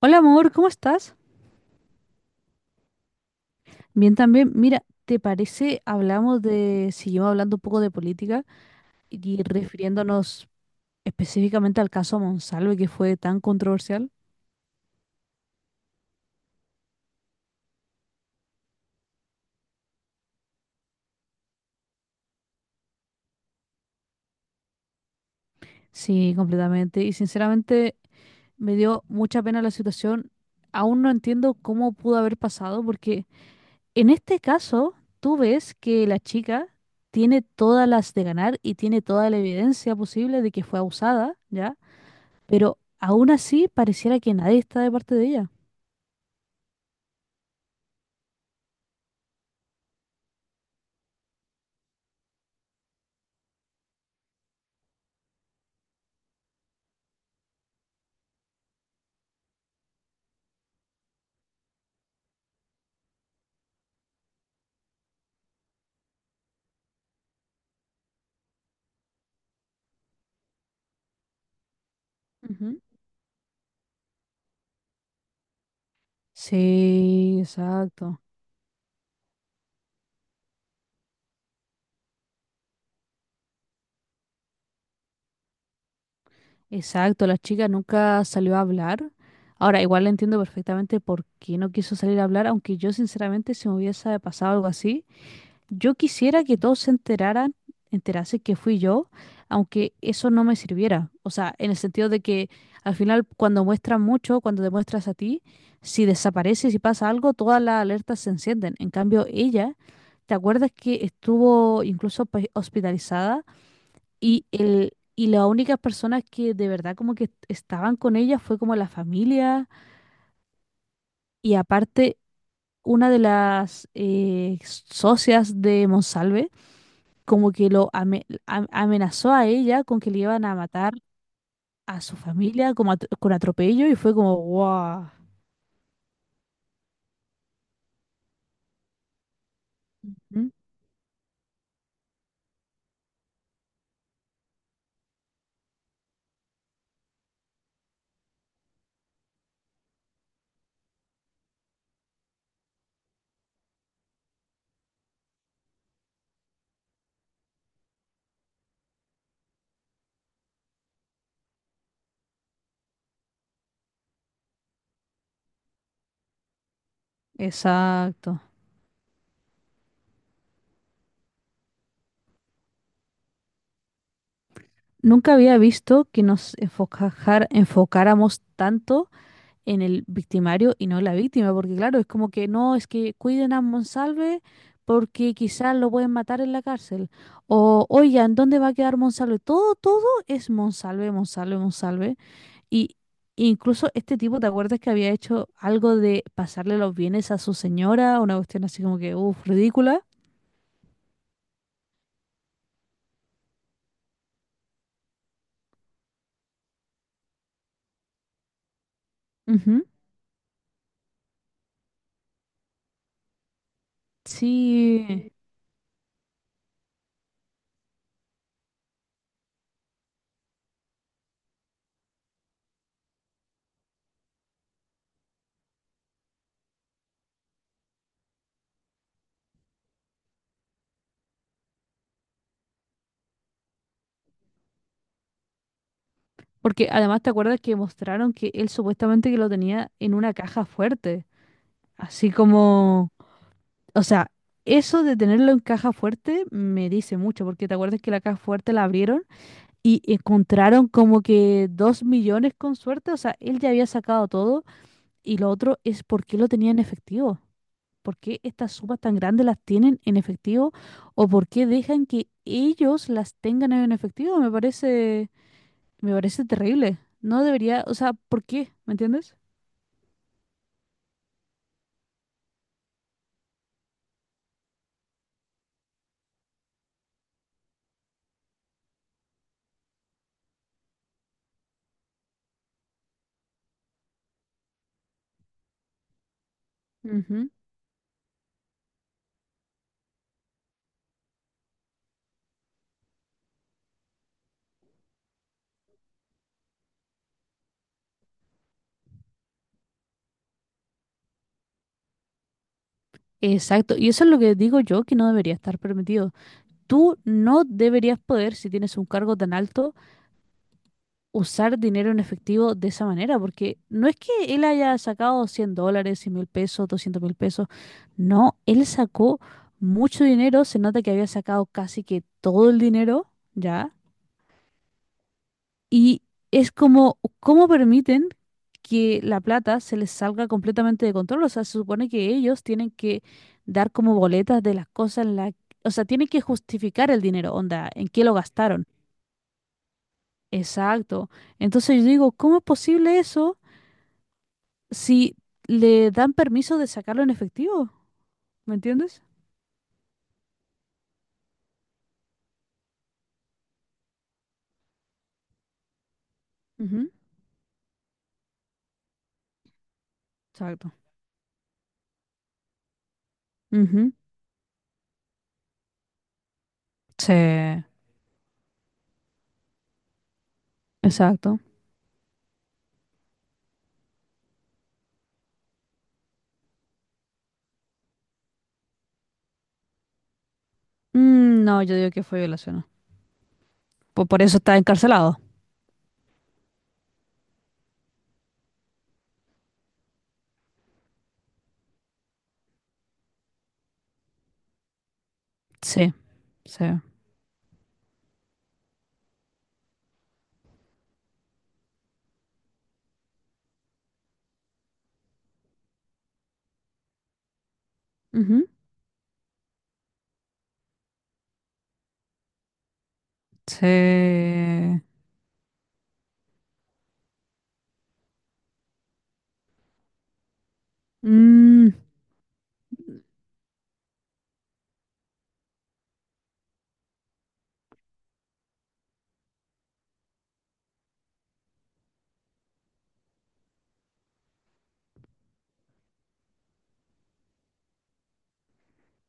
Hola amor, ¿cómo estás? Bien también. Mira, ¿te parece seguimos hablando un poco de política y refiriéndonos específicamente al caso Monsalve que fue tan controversial? Sí, completamente. Y sinceramente me dio mucha pena la situación. Aún no entiendo cómo pudo haber pasado porque en este caso tú ves que la chica tiene todas las de ganar y tiene toda la evidencia posible de que fue abusada, ¿ya? Pero aún así pareciera que nadie está de parte de ella. Ujú. Sí, exacto. Exacto, la chica nunca salió a hablar. Ahora, igual le entiendo perfectamente por qué no quiso salir a hablar, aunque yo sinceramente si me hubiese pasado algo así, yo quisiera que todos se enteraran, enterase que fui yo, aunque eso no me sirviera. O sea, en el sentido de que al final cuando muestran mucho, cuando te muestras a ti, si desapareces y pasa algo, todas las alertas se encienden. En cambio, ella, ¿te acuerdas que estuvo incluso pues, hospitalizada? Y las únicas personas que de verdad como que estaban con ella fue como la familia y aparte una de las socias de Monsalve como que lo amenazó a ella con que le iban a matar a su familia como con atropello y fue como wow. Exacto. Nunca había visto que nos enfocáramos tanto en el victimario y no en la víctima, porque claro, es como que no, es que cuiden a Monsalve porque quizás lo pueden matar en la cárcel. O, oigan, ¿dónde va a quedar Monsalve? Todo, todo es Monsalve, Monsalve, Monsalve. Y incluso este tipo, ¿te acuerdas que había hecho algo de pasarle los bienes a su señora? Una cuestión así como que, uff, ridícula. Ujú. Sí. Porque además te acuerdas que mostraron que él supuestamente que lo tenía en una caja fuerte, así como, o sea, eso de tenerlo en caja fuerte me dice mucho, porque te acuerdas que la caja fuerte la abrieron y encontraron como que 2 millones con suerte. O sea, él ya había sacado todo. Y lo otro es por qué lo tenía en efectivo. ¿Por qué estas sumas tan grandes las tienen en efectivo? ¿O por qué dejan que ellos las tengan en efectivo? Me parece terrible. No debería, o sea, ¿por qué? ¿Me entiendes? Ujú. Exacto. Y eso es lo que digo yo, que no debería estar permitido. Tú no deberías poder, si tienes un cargo tan alto, usar dinero en efectivo de esa manera, porque no es que él haya sacado $100, $100.000, $200.000. No, él sacó mucho dinero, se nota que había sacado casi que todo el dinero, ¿ya? Y es como, ¿cómo permiten que la plata se les salga completamente de control? O sea, se supone que ellos tienen que dar como boletas de las cosas en la... O sea, tienen que justificar el dinero, onda, en qué lo gastaron. Exacto. Entonces yo digo, ¿cómo es posible eso si le dan permiso de sacarlo en efectivo? ¿Me entiendes? Ujú. Exacto. Ujú. Sí, exacto. Mm, no, yo digo que fue violación, ¿no? Por eso está encarcelado. Sí, sí. Ujú. Sí. Mm.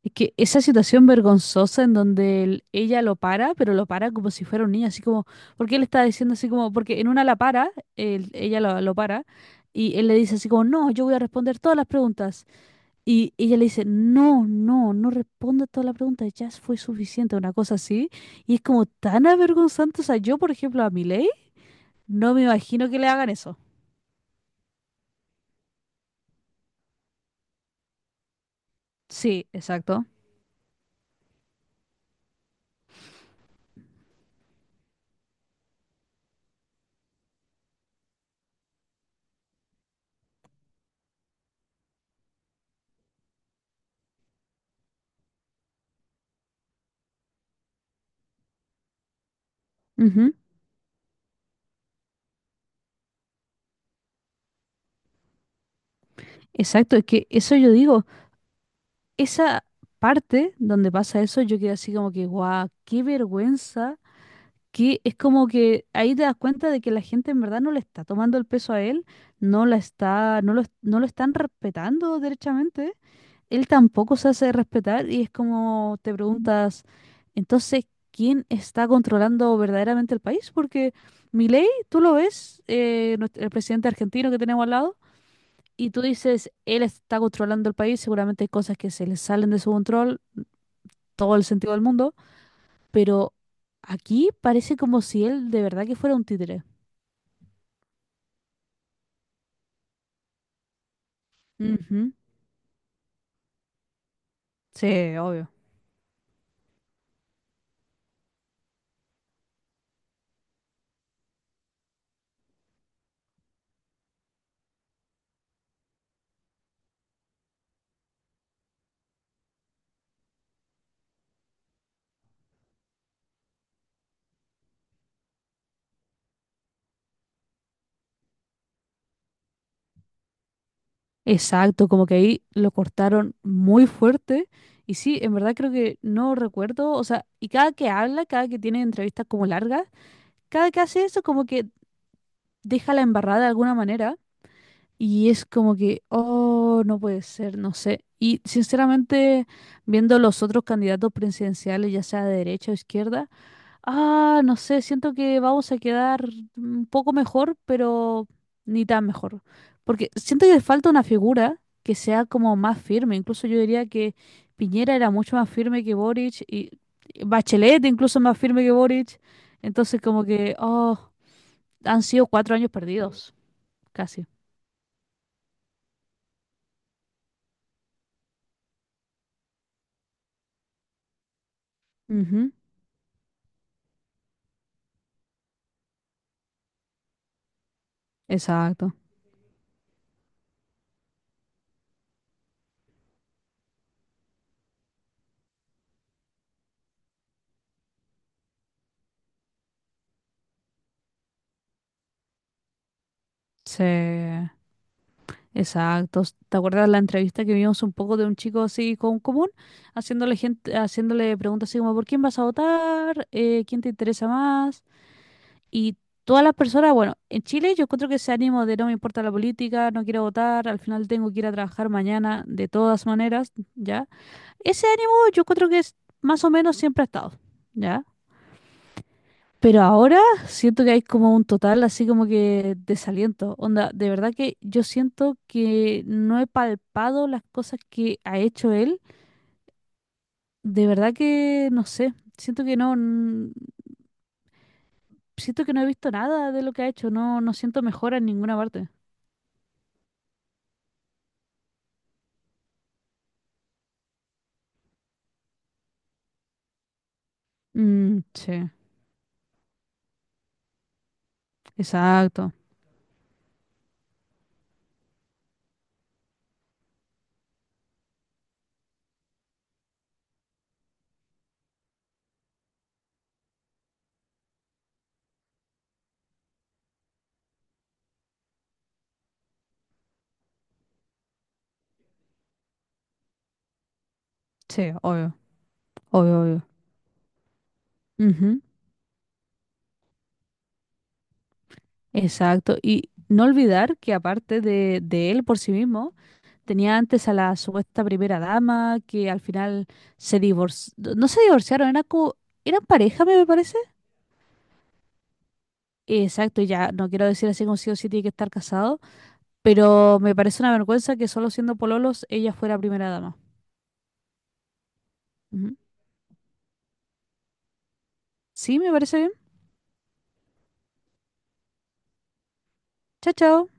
Es que esa situación vergonzosa en donde ella lo para, pero lo para como si fuera un niño, así como, porque él está diciendo así como, porque en una la para, ella lo para, y él le dice así como, no, yo voy a responder todas las preguntas. Y ella le dice, no, no, no responda todas las preguntas, ya fue suficiente, una cosa así. Y es como tan avergonzante, o sea, yo, por ejemplo, a Miley, no me imagino que le hagan eso. Sí, exacto. Ujú. Exacto, es que eso yo digo. Esa parte donde pasa eso, yo quedé así como que, guau, qué vergüenza, que es como que ahí te das cuenta de que la gente en verdad no le está tomando el peso a él, no lo están respetando derechamente, él tampoco se hace respetar y es como te preguntas, entonces, ¿quién está controlando verdaderamente el país? Porque Milei, tú lo ves, el presidente argentino que tenemos al lado, y tú dices, él está controlando el país, seguramente hay cosas que se le salen de su control, todo el sentido del mundo, pero aquí parece como si él de verdad que fuera un títere. Ujú. Sí, obvio. Exacto, como que ahí lo cortaron muy fuerte. Y sí, en verdad creo que no recuerdo, o sea, y cada que habla, cada que tiene entrevistas como largas, cada que hace eso como que deja la embarrada de alguna manera. Y es como que, oh, no puede ser, no sé. Y sinceramente, viendo los otros candidatos presidenciales, ya sea de derecha o izquierda, ah, no sé, siento que vamos a quedar un poco mejor, pero ni tan mejor. Porque siento que falta una figura que sea como más firme. Incluso yo diría que Piñera era mucho más firme que Boric y Bachelet incluso más firme que Boric. Entonces como que, oh, han sido 4 años perdidos, casi. Ujú. Exacto. Sí. Exacto. ¿Te acuerdas la entrevista que vimos un poco de un chico así con común, haciéndole gente, haciéndole preguntas así como, ¿por quién vas a votar? ¿Quién te interesa más? Y todas las personas, bueno, en Chile yo encuentro que ese ánimo de no me importa la política, no quiero votar, al final tengo que ir a trabajar mañana, de todas maneras, ¿ya? Ese ánimo yo encuentro que es más o menos siempre ha estado, ¿ya? Pero ahora siento que hay como un total así como que desaliento. Onda, de verdad que yo siento que no he palpado las cosas que ha hecho él. De verdad que no sé. Siento que no, siento que no he visto nada de lo que ha hecho. No, no siento mejora en ninguna parte. Mm, sí, exacto. Sí, obvio, obvio, obvio. Ujú. Exacto. Y no olvidar que aparte de él por sí mismo. Tenía antes a la supuesta primera dama que al final se divorció. No se divorciaron, era como, eran pareja, me parece. Exacto, y ya no quiero decir así como sí o sí tiene que estar casado, pero me parece una vergüenza que solo siendo pololos ella fuera primera dama. Ujú. Sí, me parece bien. Chao, chao.